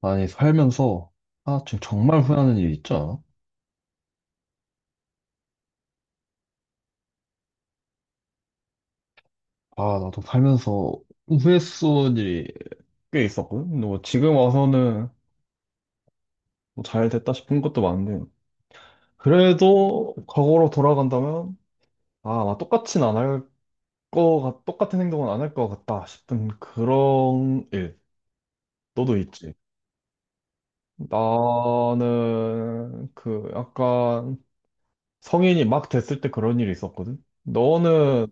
아니, 살면서, 아, 지금 정말 후회하는 일이 있죠? 아, 나도 살면서 후회스러운 일이 꽤 있었거든? 근데 뭐 지금 와서는 뭐 잘 됐다 싶은 것도 많은데, 그래도 과거로 돌아간다면, 아, 나 똑같진 안 할 똑같은 행동은 안 할 것 같다 싶은 그런 일, 너도 있지. 나는 그 약간 성인이 막 됐을 때 그런 일이 있었거든? 너는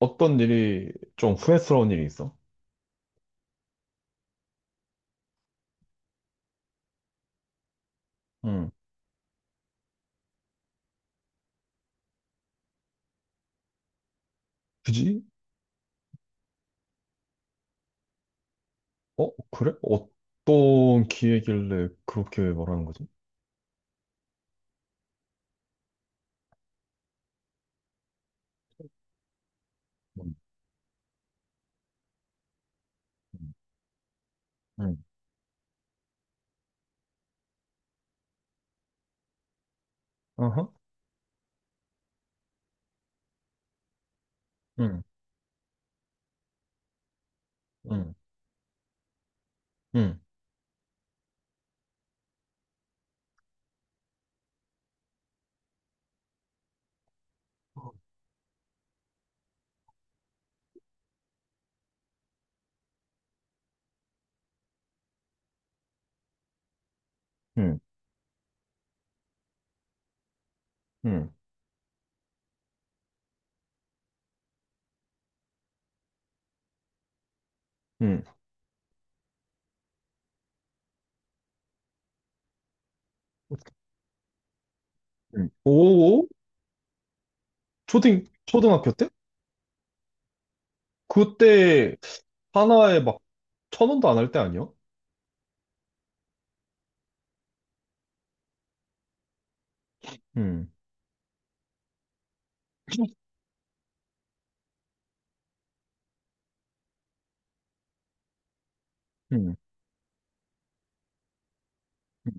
어떤 일이 좀 후회스러운 일이 있어? 응. 굳이? 어, 그래? 어떤 기회길래 그렇게 말하는 거지? 음, 음, 음. 아하, 음, 음, 음, 음, 음, 음. 음. 오, 초등, 초등학교 때? 그때 하나에 막 천 원도 안 할 때 아니야? 음, 음, 음,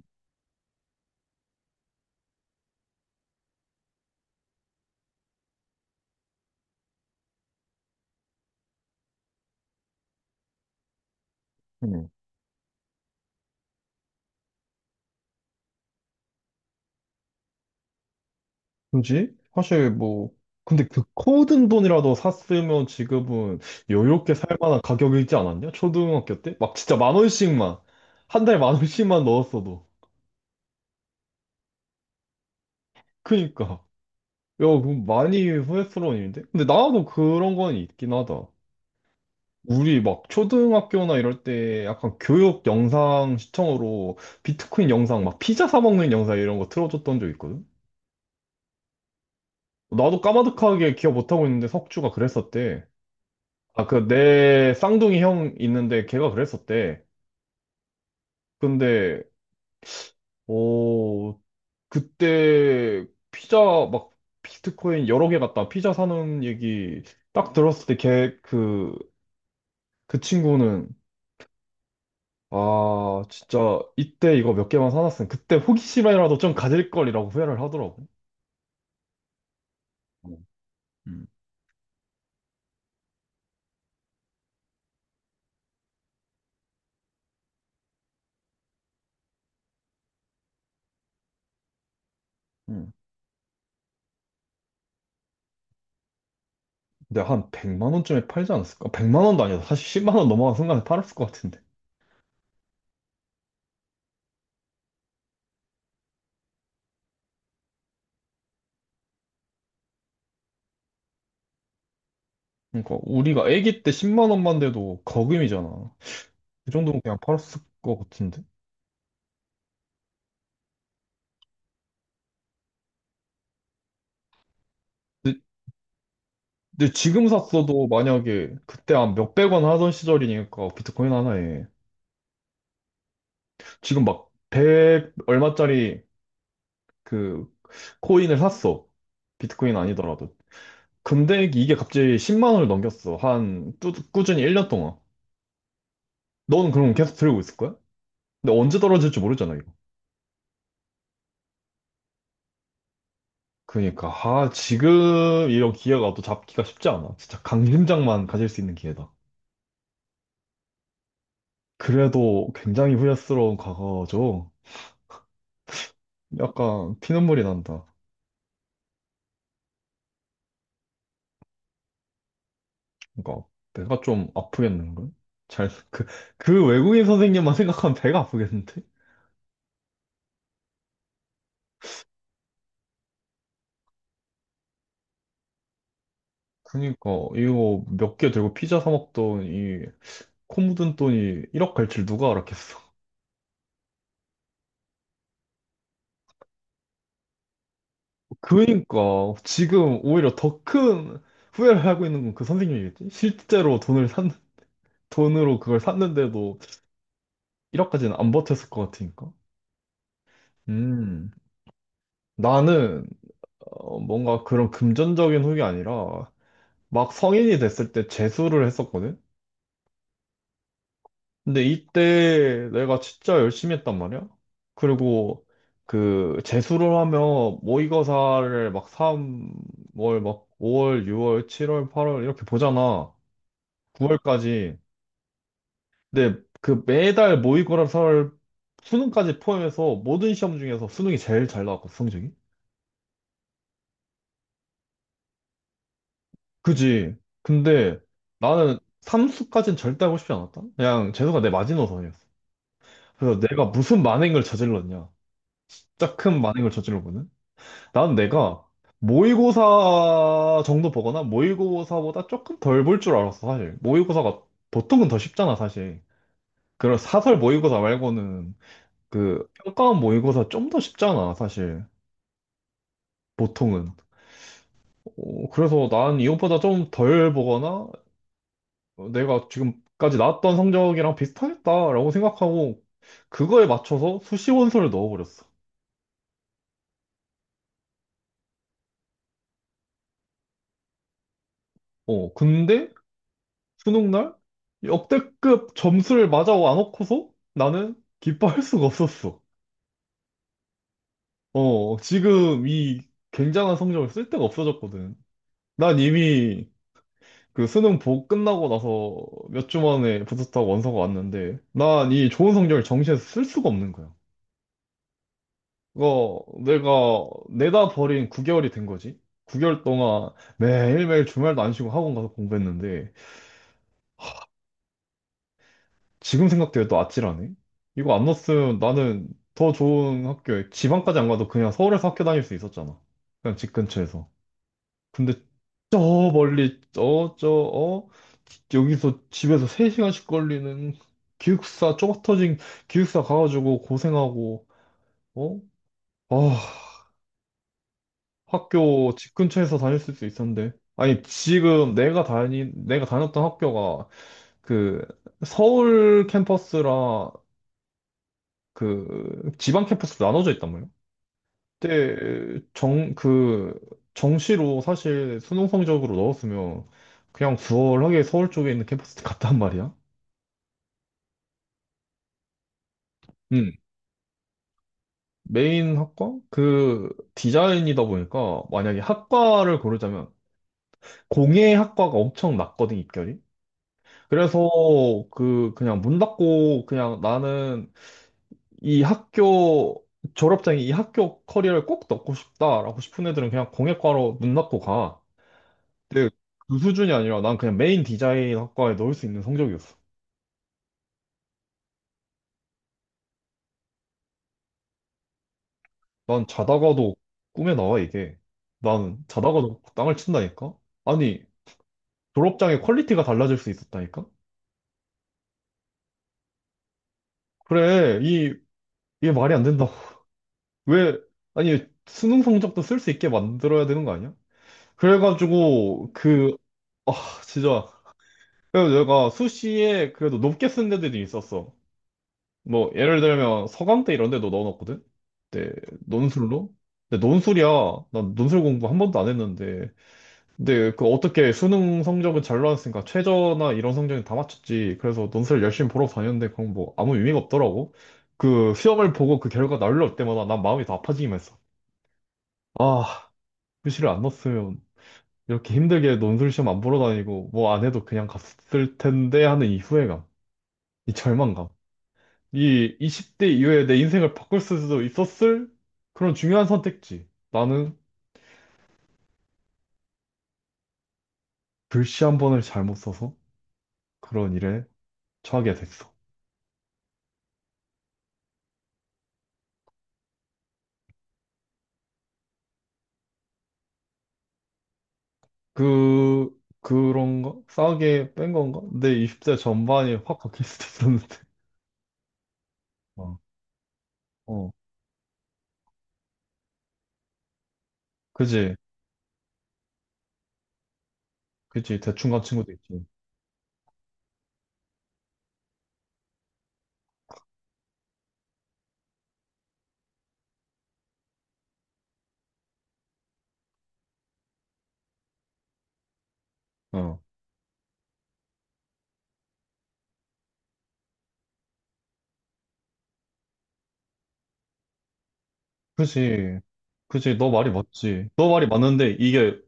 음. 그지? 사실 뭐, 근데 그 코든 돈이라도 샀으면 지금은 여유롭게 살 만한 가격이지 않았냐? 초등학교 때? 막 진짜 만 원씩만, 한 달에 만 원씩만 넣었어도. 그니까. 야, 그럼 많이 후회스러운 일인데? 근데 나도 그런 건 있긴 하다. 우리 막 초등학교나 이럴 때 약간 교육 영상 시청으로 비트코인 영상, 막 피자 사 먹는 영상 이런 거 틀어줬던 적 있거든? 나도 까마득하게 기억 못하고 있는데 석주가 그랬었대. 아, 그 내 쌍둥이 형 있는데 걔가 그랬었대. 근데, 어, 그때 피자 막 비트코인 여러 개 갖다 피자 사는 얘기 딱 들었을 때걔그 그 친구는 아 진짜 이때 이거 몇 개만 사놨으면 그때 호기심이라도 좀 가질 걸이라고 후회를 하더라고. 어, 음. 음. 근데 한 100만 원쯤에 팔지 않았을까? 100만 원도 아니다. 사실 10만 원 넘어간 순간에 팔았을 것 같은데. 그러니까 우리가 아기 때 10만 원만 돼도 거금이잖아. 그 정도면 그냥 팔았을 것 같은데. 근데, 근데 지금 샀어도 만약에 그때 한 몇백 원 하던 시절이니까 비트코인 하나에 지금 막 100 얼마짜리 그 코인을 샀어. 비트코인 아니더라도. 근데 이게 갑자기 10만 원을 넘겼어. 꾸준히 1년 동안. 넌 그럼 계속 들고 있을 거야? 근데 언제 떨어질지 모르잖아, 이거. 그러니까, 아, 지금 이런 기회가 또 잡기가 쉽지 않아. 진짜 강심장만 가질 수 있는 기회다. 그래도 굉장히 후회스러운 과거죠. 약간 피눈물이 난다. 그러니까, 배가 좀 아프겠는걸? 잘, 그, 그 외국인 선생님만 생각하면 배가 아프겠는데? 그러니까, 이거 몇 개 들고 피자 사 먹던 이, 코 묻은 돈이 1억 갈 줄 누가 알았겠어. 그러니까 지금 오히려 더 큰 후회를 하고 있는 건 그 선생님이겠지? 실제로 돈을 산 돈으로 그걸 샀는데도 1억까지는 안 버텼을 것 같으니까. 음. 나는 어, 뭔가 그런 금전적인 후기 아니라 막 성인이 됐을 때 재수를 했었거든. 근데 이때 내가 진짜 열심히 했단 말이야. 그리고 그 재수를 하면 모의고사를 막 3월, 막 5월, 6월, 7월, 8월 이렇게 보잖아. 9월까지. 근데 그 매달 모의고사 설 수능까지 포함해서 모든 시험 중에서 수능이 제일 잘 나왔거든, 성적이. 그지. 근데 나는 삼수까지는 절대 하고 싶지 않았다. 그냥 재수가 내 마지노선이었어. 그래서 내가 무슨 만행을 저질렀냐. 짝큰 만행을 저질러보는. 나는 내가 모의고사 정도 보거나 모의고사보다 조금 덜 볼 줄 알았어, 사실. 모의고사가 보통은 더 쉽잖아, 사실. 그런 사설 모의고사 말고는 그 평가원 모의고사 좀 더 쉽잖아, 사실. 보통은. 어, 그래서 난 이것보다 좀 덜 보거나 어, 내가 지금까지 나왔던 성적이랑 비슷하겠다라고 생각하고 그거에 맞춰서 수시 원서를 넣어버렸어. 어, 근데 수능 날 역대급 점수를 맞아 와놓고서 나는 기뻐할 수가 없었어. 어, 지금 이 굉장한 성적을 쓸 데가 없어졌거든. 난 이미 그 수능 보 끝나고 나서 몇 주 만에 붙었다고 원서가 왔는데 난 이 좋은 성적을 정시에서 쓸 수가 없는 거야. 이거 내가 내다 버린 9개월이 된 거지. 9개월 동안 매일매일 주말도 안 쉬고 학원 가서 공부했는데 지금 생각해도 또 아찔하네. 이거 안 넣었으면 나는 더 좋은 학교에 지방까지 안 가도 그냥 서울에서 학교 다닐 수 있었잖아. 그냥 집 근처에서. 근데 저 멀리 저 어? 여기서 집에서 3시간씩 걸리는 기숙사 좁아터진 기숙사 가가지고 고생하고 어? 아 학교 집 근처에서 다닐 수 있었는데. 아니, 지금 내가 다녔던 학교가 그 서울 캠퍼스랑 그 지방 캠퍼스로 나눠져 있단 말이야. 그 정시로 사실 수능 성적으로 넣었으면 그냥 수월하게 서울 쪽에 있는 캠퍼스 갔단 말이야. 음. 메인 학과? 그 디자인이다 보니까 만약에 학과를 고르자면 공예 학과가 엄청 낮거든, 입결이. 그래서 그 그냥 문 닫고 그냥 나는 이 학교 졸업장에 이 학교 커리어를 꼭 넣고 싶다라고 싶은 애들은 그냥 공예과로 문 닫고 가. 근데 그 수준이 아니라 난 그냥 메인 디자인 학과에 넣을 수 있는 성적이었어. 난 자다가도 꿈에 나와 이게. 난 자다가도 땅을 친다니까? 아니 졸업장의 퀄리티가 달라질 수 있었다니까? 그래 이 이게 말이 안 된다고. 왜 아니 수능 성적도 쓸 수 있게 만들어야 되는 거 아니야? 그래가지고 그 아, 진짜. 그래서 내가 수시에 그래도 높게 쓴 데들이 있었어. 뭐, 예를 들면 서강대 이런 데도 넣어놨거든? 네, 논술로? 근데 논술이야. 난 논술 공부 한 번도 안 했는데. 근데 그 어떻게 수능 성적은 잘 나왔으니까 최저나 이런 성적은 다 맞췄지. 그래서 논술 열심히 보러 다녔는데 그건 뭐 아무 의미가 없더라고. 그 시험을 보고 그 결과 날려올 때마다 난 마음이 더 아파지기만 했어. 아, 수시를 안 넣었으면 이렇게 힘들게 논술 시험 안 보러 다니고 뭐 안 해도 그냥 갔을 텐데 하는 이 후회감. 이 절망감. 이 20대 이후에 내 인생을 바꿀 수도 있었을 그런 중요한 선택지. 나는 글씨 한 번을 잘못 써서 그런 일에 처하게 됐어. 그, 그런 가 싸게 뺀 건가? 내 20대 전반이 확 바뀔 수도 있었는데. 어, 어. 그지? 그지? 대충 간 친구도 있지. 어. 그지? 그지? 너 말이 맞지. 너 말이 맞는데 이게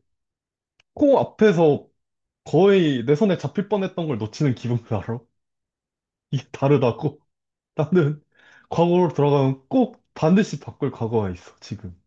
코 앞에서 거의 내 손에 잡힐 뻔했던 걸 놓치는 기분 알아? 이게 다르다고? 나는 과거로 돌아가면 꼭 반드시 바꿀 과거가 있어, 지금.